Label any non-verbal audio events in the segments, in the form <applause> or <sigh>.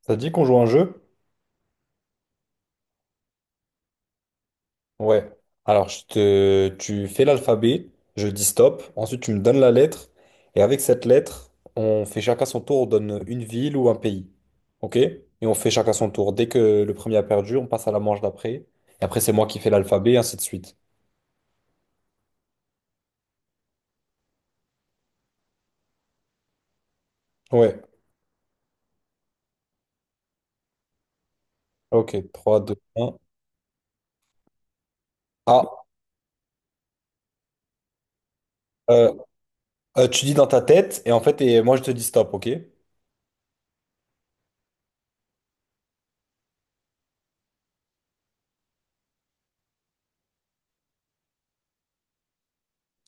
Ça te dit qu'on joue à un jeu? Ouais. Alors, je te... tu fais l'alphabet, je dis stop, ensuite tu me donnes la lettre, et avec cette lettre, on fait chacun son tour, on donne une ville ou un pays. OK? Et on fait chacun son tour. Dès que le premier a perdu, on passe à la manche d'après. Et après, c'est moi qui fais l'alphabet, et ainsi de suite. Ouais. OK. Trois, deux, un. Ah, euh, tu dis dans ta tête, et en fait, et moi je te dis stop, OK?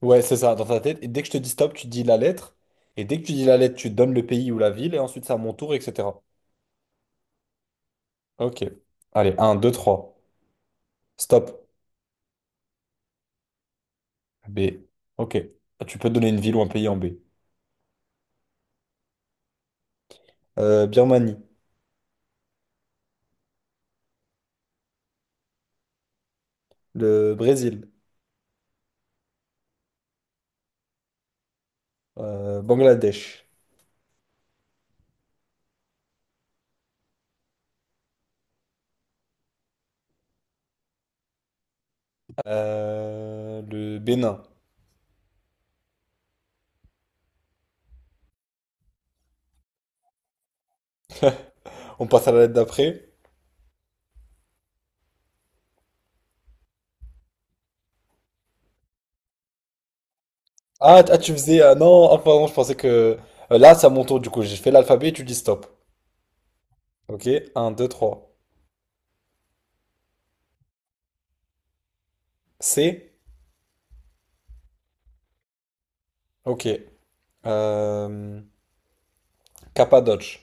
Ouais, c'est ça, dans ta tête. Et dès que je te dis stop, tu dis la lettre. Et dès que tu dis la lettre, tu donnes le pays ou la ville, et ensuite c'est à mon tour, etc. Ok. Allez, un 2 trois. Stop. B. Ok. Ah, tu peux donner une ville ou un pays en B. Birmanie. Le Brésil. Bangladesh. Le Bénin. On passe à la lettre d'après. Tu faisais. Non, pardon, je pensais que. Là, c'est à mon tour, du coup. J'ai fait l'alphabet et tu dis stop. Ok. Un deux trois. C. Ok. Euh, Cappadoce.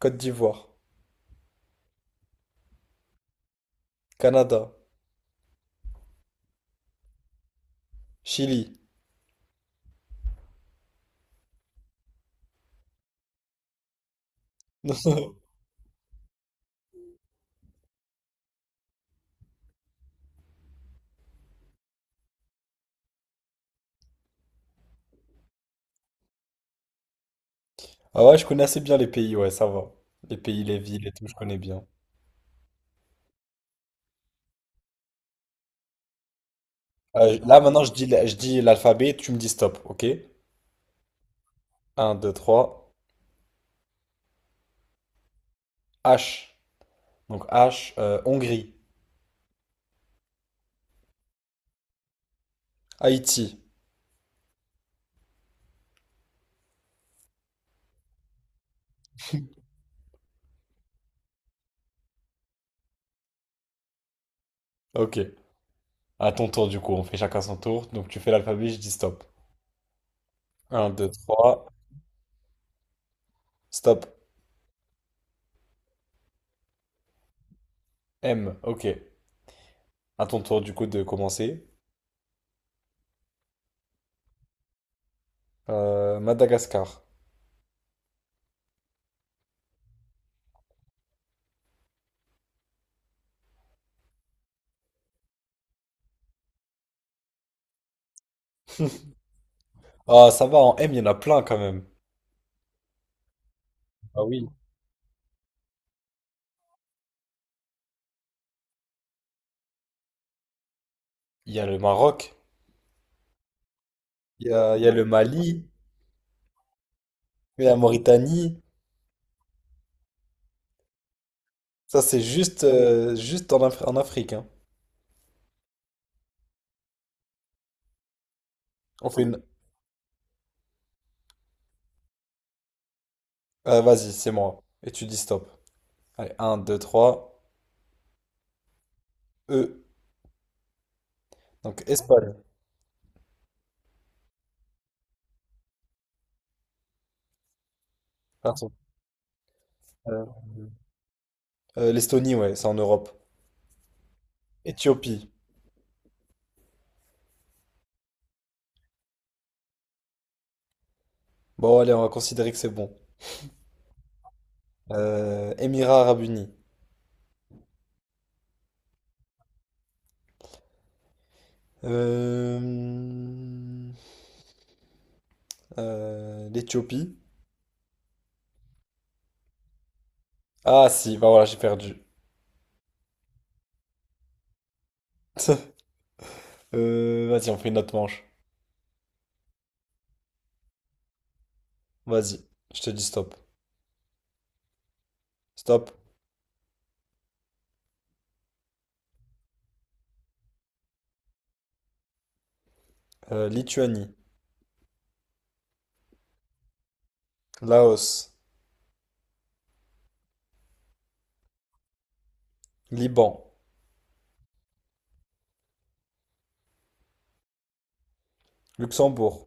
Côte d'Ivoire. Canada. Chili. <laughs> Ah ouais, je connais assez bien les pays, ouais, ça va. Les pays, les villes et tout, je connais bien. Là, maintenant, je dis l'alphabet, tu me dis stop, ok? Un, deux, trois. H. Donc H, Hongrie, Haïti. Ok. À ton tour, du coup, on fait chacun son tour. Donc tu fais l'alphabet, je dis stop. Un, 2, 3. Stop. M, ok. À ton tour, du coup, de commencer. Madagascar. Ah, ça va, en M, il y en a plein quand même. Ah oui. Il y a le Maroc, il y a le Mali, il y a la Mauritanie. Ça, c'est juste, juste en, Af- en Afrique, hein. On fait une. Vas-y, c'est moi. Et tu dis stop. Allez, un, deux, trois. E. Donc, Espagne. Pardon. Euh, L'Estonie, ouais, c'est en Europe. Éthiopie. Bon, allez, on va considérer que c'est bon. Émirats Arabes Unis. Euh, L'Éthiopie. Ah, si, bah voilà, j'ai perdu. <laughs> Vas-y, on fait une autre manche. Vas-y, je te dis stop. Stop. Lituanie. Laos. Liban. Luxembourg.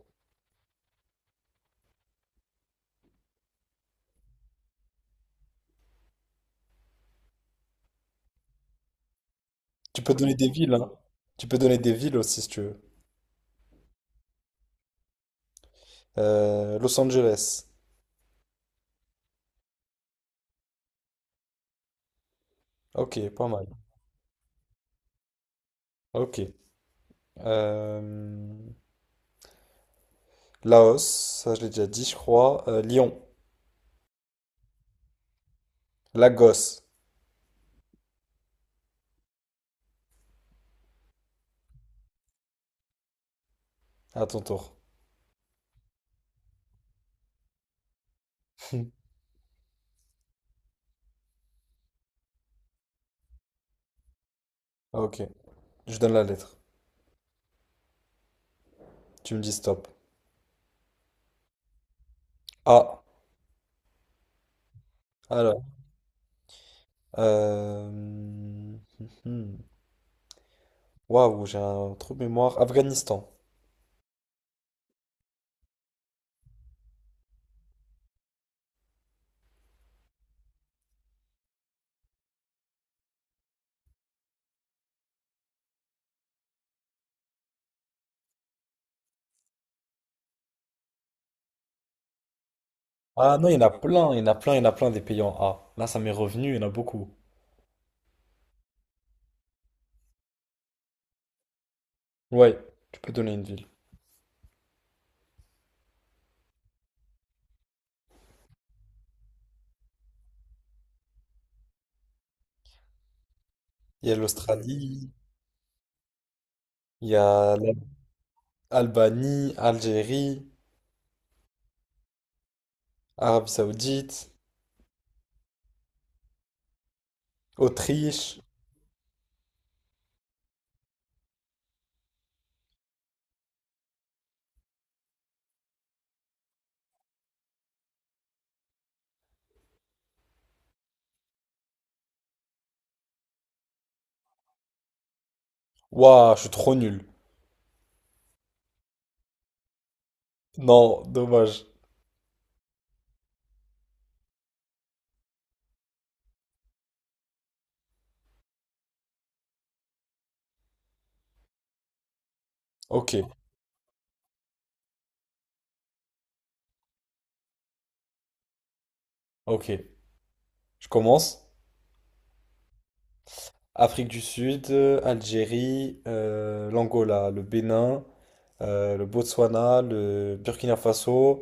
Tu peux donner des villes, hein. Tu peux donner des villes aussi si tu veux. Los Angeles. Ok, pas mal. Ok. Euh, Laos, ça je l'ai déjà dit, je crois. Lyon. Lagos. À ton tour. <laughs> Ok. Je donne la lettre. Tu me dis stop. A. Alors... Euh... hum, hum. Waouh, j'ai un trou de mémoire. Afghanistan. Ah non, il y en a plein, il y en a plein, il y en a plein des pays en A. Là, ça m'est revenu, il y en a beaucoup. Ouais, tu peux donner une ville. Il y a l'Australie. Il y a l'Albanie, Algérie, Arabie Saoudite, Autriche. Waouh, je suis trop nul. Non, dommage. Ok, ok. Je commence. Afrique du Sud, Algérie, l'Angola, le Bénin, le Botswana, le Burkina Faso,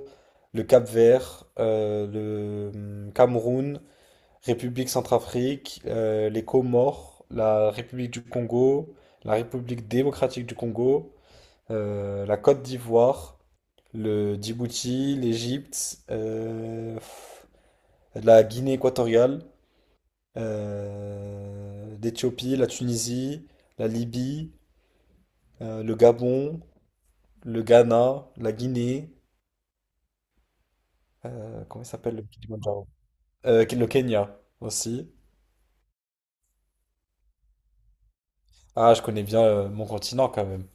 le Cap-Vert, le Cameroun, République Centrafrique, les Comores, la République du Congo, la République démocratique du Congo, la Côte d'Ivoire, le Djibouti, l'Égypte, la Guinée équatoriale, l'Éthiopie, la Tunisie, la Libye, le Gabon, le Ghana, la Guinée, comment il s'appelle le Kilimanjaro? Le Kenya aussi. Ah, je connais bien mon continent quand même.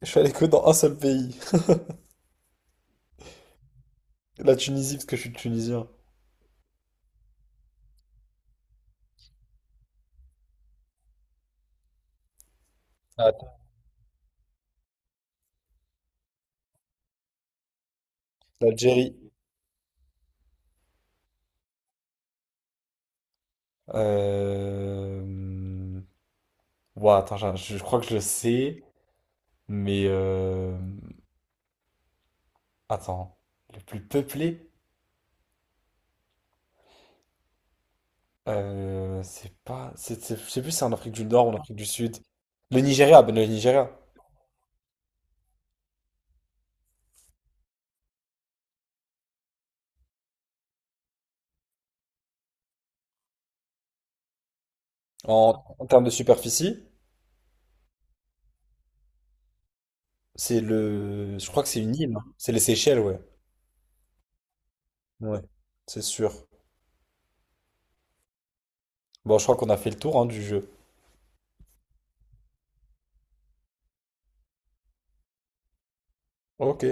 Je suis allé que dans un seul pays, <laughs> la Tunisie parce que je suis tunisien. Ah, l'Algérie. Euh, Ouah, attends, je crois que je le sais, mais attends, le plus peuplé, c'est pas, c'est- je sais plus si c'est en Afrique du Nord ou en Afrique du Sud. Le Nigeria, ben le Nigeria. En, en termes de superficie, c'est le, je crois que c'est une île, hein. C'est les Seychelles, ouais. Ouais, c'est sûr. Bon, je crois qu'on a fait le tour hein, du jeu. Ok.